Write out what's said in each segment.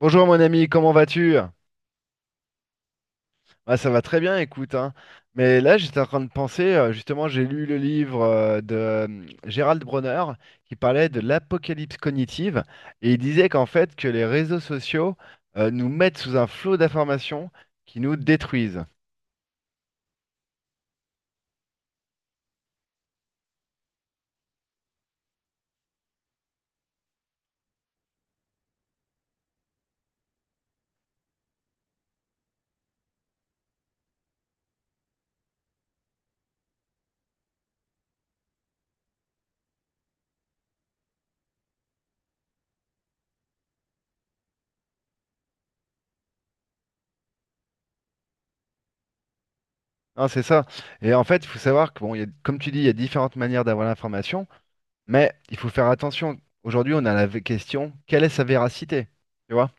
Bonjour mon ami, comment vas-tu? Ça va très bien, écoute, hein. Mais là, j'étais en train de penser, justement, j'ai lu le livre de Gérald Bronner qui parlait de l'apocalypse cognitive et il disait que les réseaux sociaux nous mettent sous un flot d'informations qui nous détruisent. Hein, c'est ça. Et en fait, il faut savoir que, bon, comme tu dis, il y a différentes manières d'avoir l'information, mais il faut faire attention. Aujourd'hui, on a question, quelle est sa véracité? Tu vois?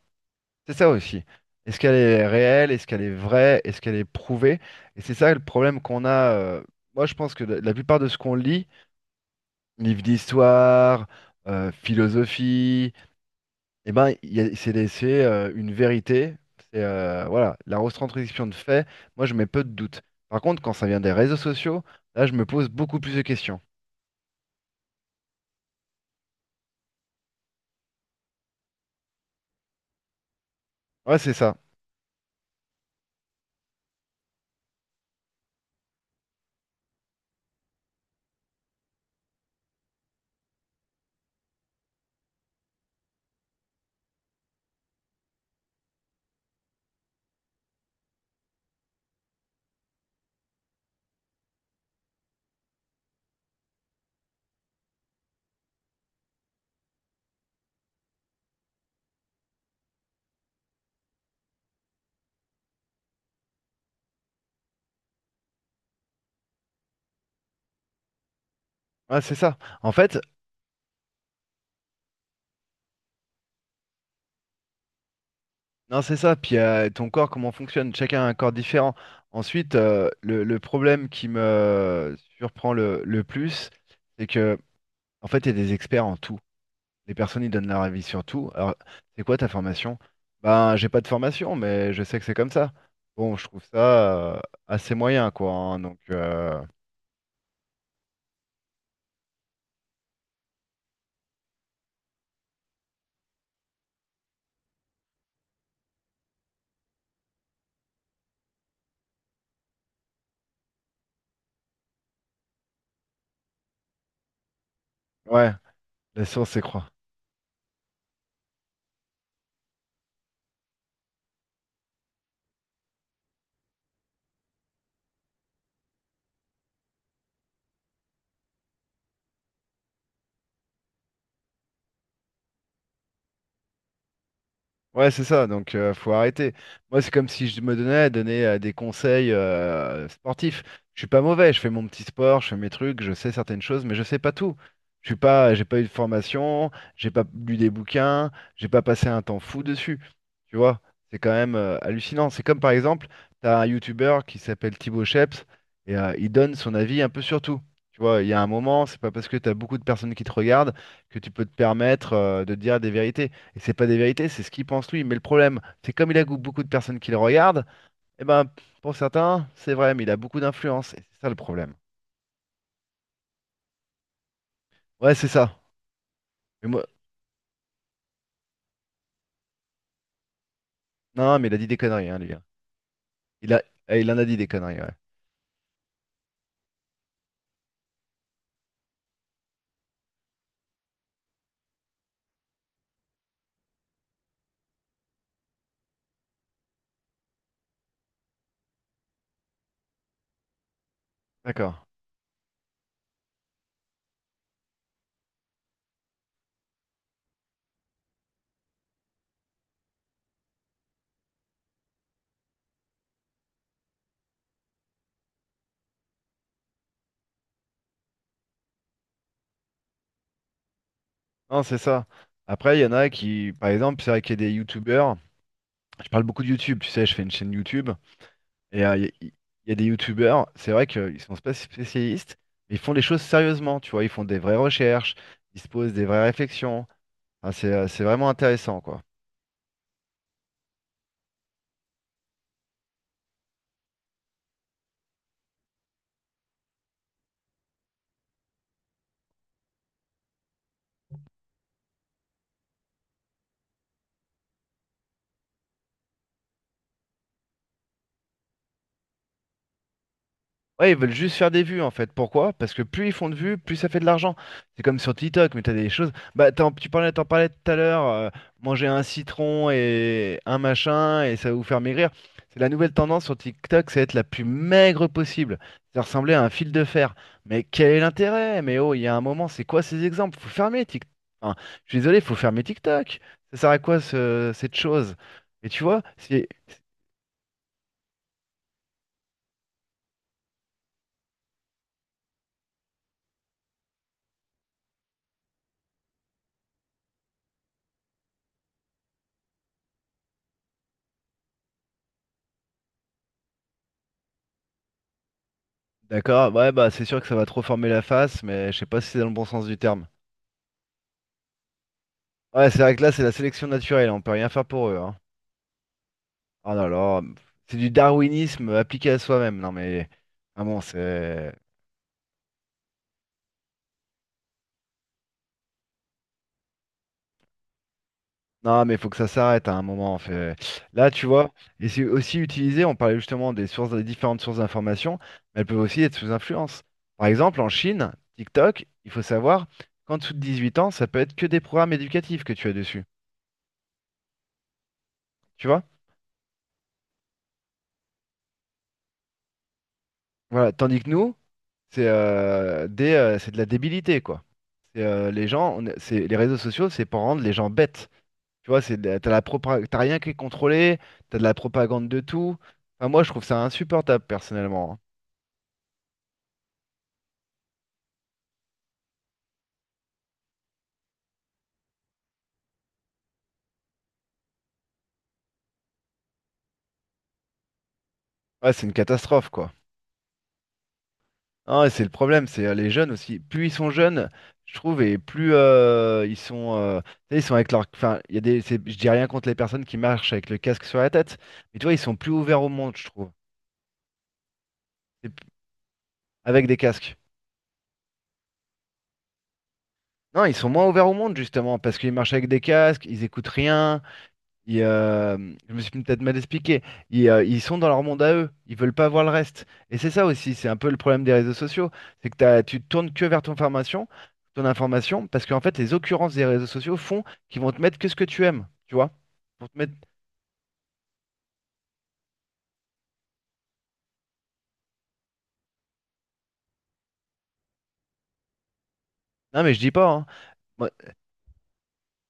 C'est ça aussi. Est-ce qu'elle est réelle? Est-ce qu'elle est vraie? Est-ce qu'elle est prouvée? Et c'est ça le problème qu'on a. Moi, je pense que la plupart de ce qu'on lit, livres d'histoire, philosophie, eh ben, c'est laissé une vérité. C'est voilà, la retranscription de faits. Moi, je mets peu de doute. Par contre, quand ça vient des réseaux sociaux, là, je me pose beaucoup plus de questions. Ouais, c'est ça. Ouais, c'est ça. Non, c'est ça. Puis ton corps, comment fonctionne? Chacun a un corps différent. Ensuite, le problème qui me surprend le plus, c'est que, en fait, il y a des experts en tout. Les personnes, ils donnent leur avis sur tout. Alors, c'est quoi ta formation? Ben, j'ai pas de formation, mais je sais que c'est comme ça. Bon, je trouve ça assez moyen, quoi. Hein. Ouais, la source, c'est croire. Ouais, c'est ça, donc faut arrêter. Moi, c'est comme si je me donnais à donner des conseils sportifs. Je suis pas mauvais, je fais mon petit sport, je fais mes trucs, je sais certaines choses, mais je sais pas tout. Je suis pas, j'ai pas eu de formation, j'ai pas lu des bouquins, j'ai pas passé un temps fou dessus. Tu vois, c'est quand même hallucinant. C'est comme par exemple, t'as un youtubeur qui s'appelle Thibaut Sheps et il donne son avis un peu sur tout. Tu vois, il y a un moment, c'est pas parce que t'as beaucoup de personnes qui te regardent que tu peux te permettre de dire des vérités. Et c'est pas des vérités, c'est ce qu'il pense lui. Mais le problème, c'est comme beaucoup de personnes qui le regardent, et ben pour certains, c'est vrai, mais il a beaucoup d'influence. Et c'est ça le problème. Ouais, c'est ça. Mais moi... Non, mais il a dit des conneries, hein, lui. Hein. Il a... Eh, il en a dit des conneries, ouais. D'accord. Non, c'est ça. Après, il y en a qui, par exemple, c'est vrai qu'il y a des youtubeurs. Je parle beaucoup de YouTube, tu sais, je fais une chaîne YouTube. Et il y a des youtubeurs, c'est vrai qu'ils sont pas spécialistes, mais ils font les choses sérieusement, tu vois. Ils font des vraies recherches, ils se posent des vraies réflexions. Enfin, c'est vraiment intéressant, quoi. Ouais, ils veulent juste faire des vues en fait. Pourquoi? Parce que plus ils font de vues, plus ça fait de l'argent. C'est comme sur TikTok, mais t'as des choses. Bah, tu parlais, t'en parlais tout à l'heure, manger un citron et un machin et ça va vous faire maigrir. C'est la nouvelle tendance sur TikTok, c'est être la plus maigre possible. Ça ressemblait à un fil de fer. Mais quel est l'intérêt? Mais oh, il y a un moment, c'est quoi ces exemples? Faut fermer TikTok. Enfin, je suis désolé, faut fermer TikTok. Ça sert à quoi cette chose? Et tu vois, c'est. D'accord, ouais, bah c'est sûr que ça va trop former la face, mais je sais pas si c'est dans le bon sens du terme. Ouais, c'est vrai que là, c'est la sélection naturelle, on peut rien faire pour eux, hein. Ah non alors, c'est du darwinisme appliqué à soi-même, non mais. Ah bon, c'est. Non, mais il faut que ça s'arrête hein, à un moment, en fait. Là, tu vois, et c'est aussi utilisé, on parlait justement des sources, des différentes sources d'information, mais elles peuvent aussi être sous influence. Par exemple, en Chine, TikTok, il faut savoir qu'en dessous de 18 ans, ça peut être que des programmes éducatifs que tu as dessus, tu vois? Voilà, tandis que nous, c'est de la débilité, quoi. C'est, les gens, on est- c'est, les réseaux sociaux, c'est pour rendre les gens bêtes. Tu vois, t'as rien qui est contrôlé, t'as de la propagande de tout. Enfin, moi, je trouve ça insupportable, personnellement. Hein. Ouais, c'est une catastrophe, quoi. Ah, et c'est le problème, c'est les jeunes aussi. Plus ils sont jeunes, je trouve, et plus ils sont, tu sais, ils sont avec leur, enfin, il y a des, c'est- je dis rien contre les personnes qui marchent avec le casque sur la tête, mais tu vois, ils sont plus ouverts au monde, je trouve, C'est- avec des casques. Non, ils sont moins ouverts au monde, justement, parce qu'ils marchent avec des casques, ils écoutent rien. Ils, euh, Je me suis peut-être mal expliqué. Ils sont dans leur monde à eux. Ils veulent pas voir le reste. Et c'est ça aussi, c'est un peu le problème des réseaux sociaux. C'est que tu te tournes que vers ton formation, ton information, parce qu'en fait, les occurrences des réseaux sociaux font qu'ils vont te mettre que ce que tu aimes, tu vois? Ils vont te mettre... Non, mais je dis pas, hein. Moi,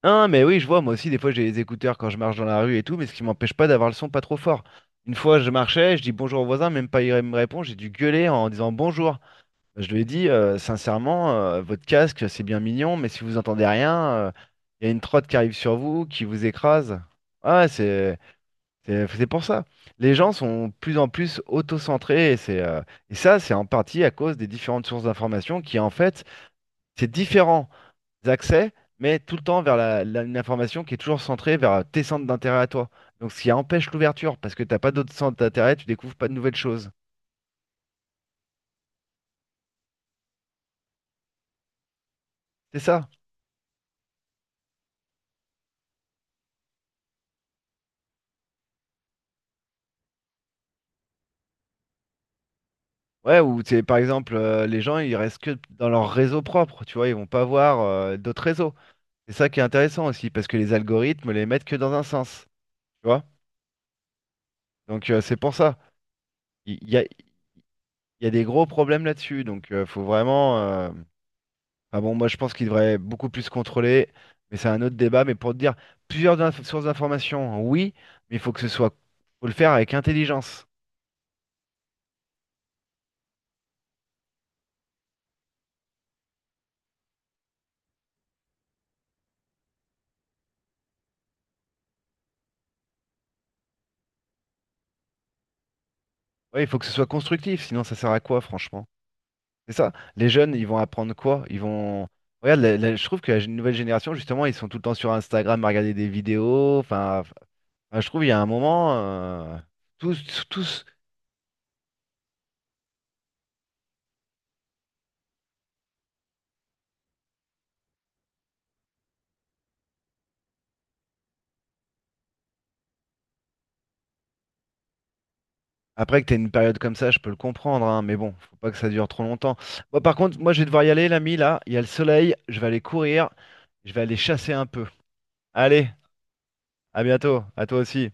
hein, mais oui, je vois, moi aussi, des fois j'ai les écouteurs quand je marche dans la rue et tout, mais ce qui m'empêche pas d'avoir le son pas trop fort. Une fois, je marchais, je dis bonjour au voisin, même pas il me répond, j'ai dû gueuler en disant bonjour. Je lui ai dit, sincèrement, votre casque, c'est bien mignon, mais si vous entendez rien, il y a une trotte qui arrive sur vous, qui vous écrase. Ah, ouais, c'est pour ça. Les gens sont de plus en plus autocentrés, et ça, c'est en partie à cause des différentes sources d'information qui, en fait, c'est différent des accès, mais tout le temps vers une information qui est toujours centrée vers tes centres d'intérêt à toi. Donc ce qui empêche l'ouverture, parce que t'as pas d'autres centres d'intérêt, tu découvres pas de nouvelles choses. C'est ça. Ouais, ou c'est par exemple, les gens, ils restent que dans leur réseau propre, tu vois, ils vont pas voir d'autres réseaux. C'est ça qui est intéressant aussi, parce que les algorithmes les mettent que dans un sens, tu vois. Donc c'est pour ça. Il y a des gros problèmes là-dessus, donc faut vraiment... Ah bon, moi je pense qu'il devrait beaucoup plus se contrôler, mais c'est un autre débat. Mais pour te dire, sources d'informations, oui, mais il faut que ce soit, faut le faire avec intelligence. Oui, il faut que ce soit constructif, sinon ça sert à quoi, franchement? C'est ça. Les jeunes, ils vont apprendre quoi? Ils vont. Regarde, je trouve que nouvelle génération, justement, ils sont tout le temps sur Instagram à regarder des vidéos. Enfin, je trouve il y a un moment, tous. Après que tu une période comme ça, je peux le comprendre, hein, mais bon, faut pas que ça dure trop longtemps. Moi, par contre, moi, je vais devoir y aller, l'ami, là. Il y a le soleil, je vais aller courir, je vais aller chasser un peu. Allez, à bientôt, à toi aussi.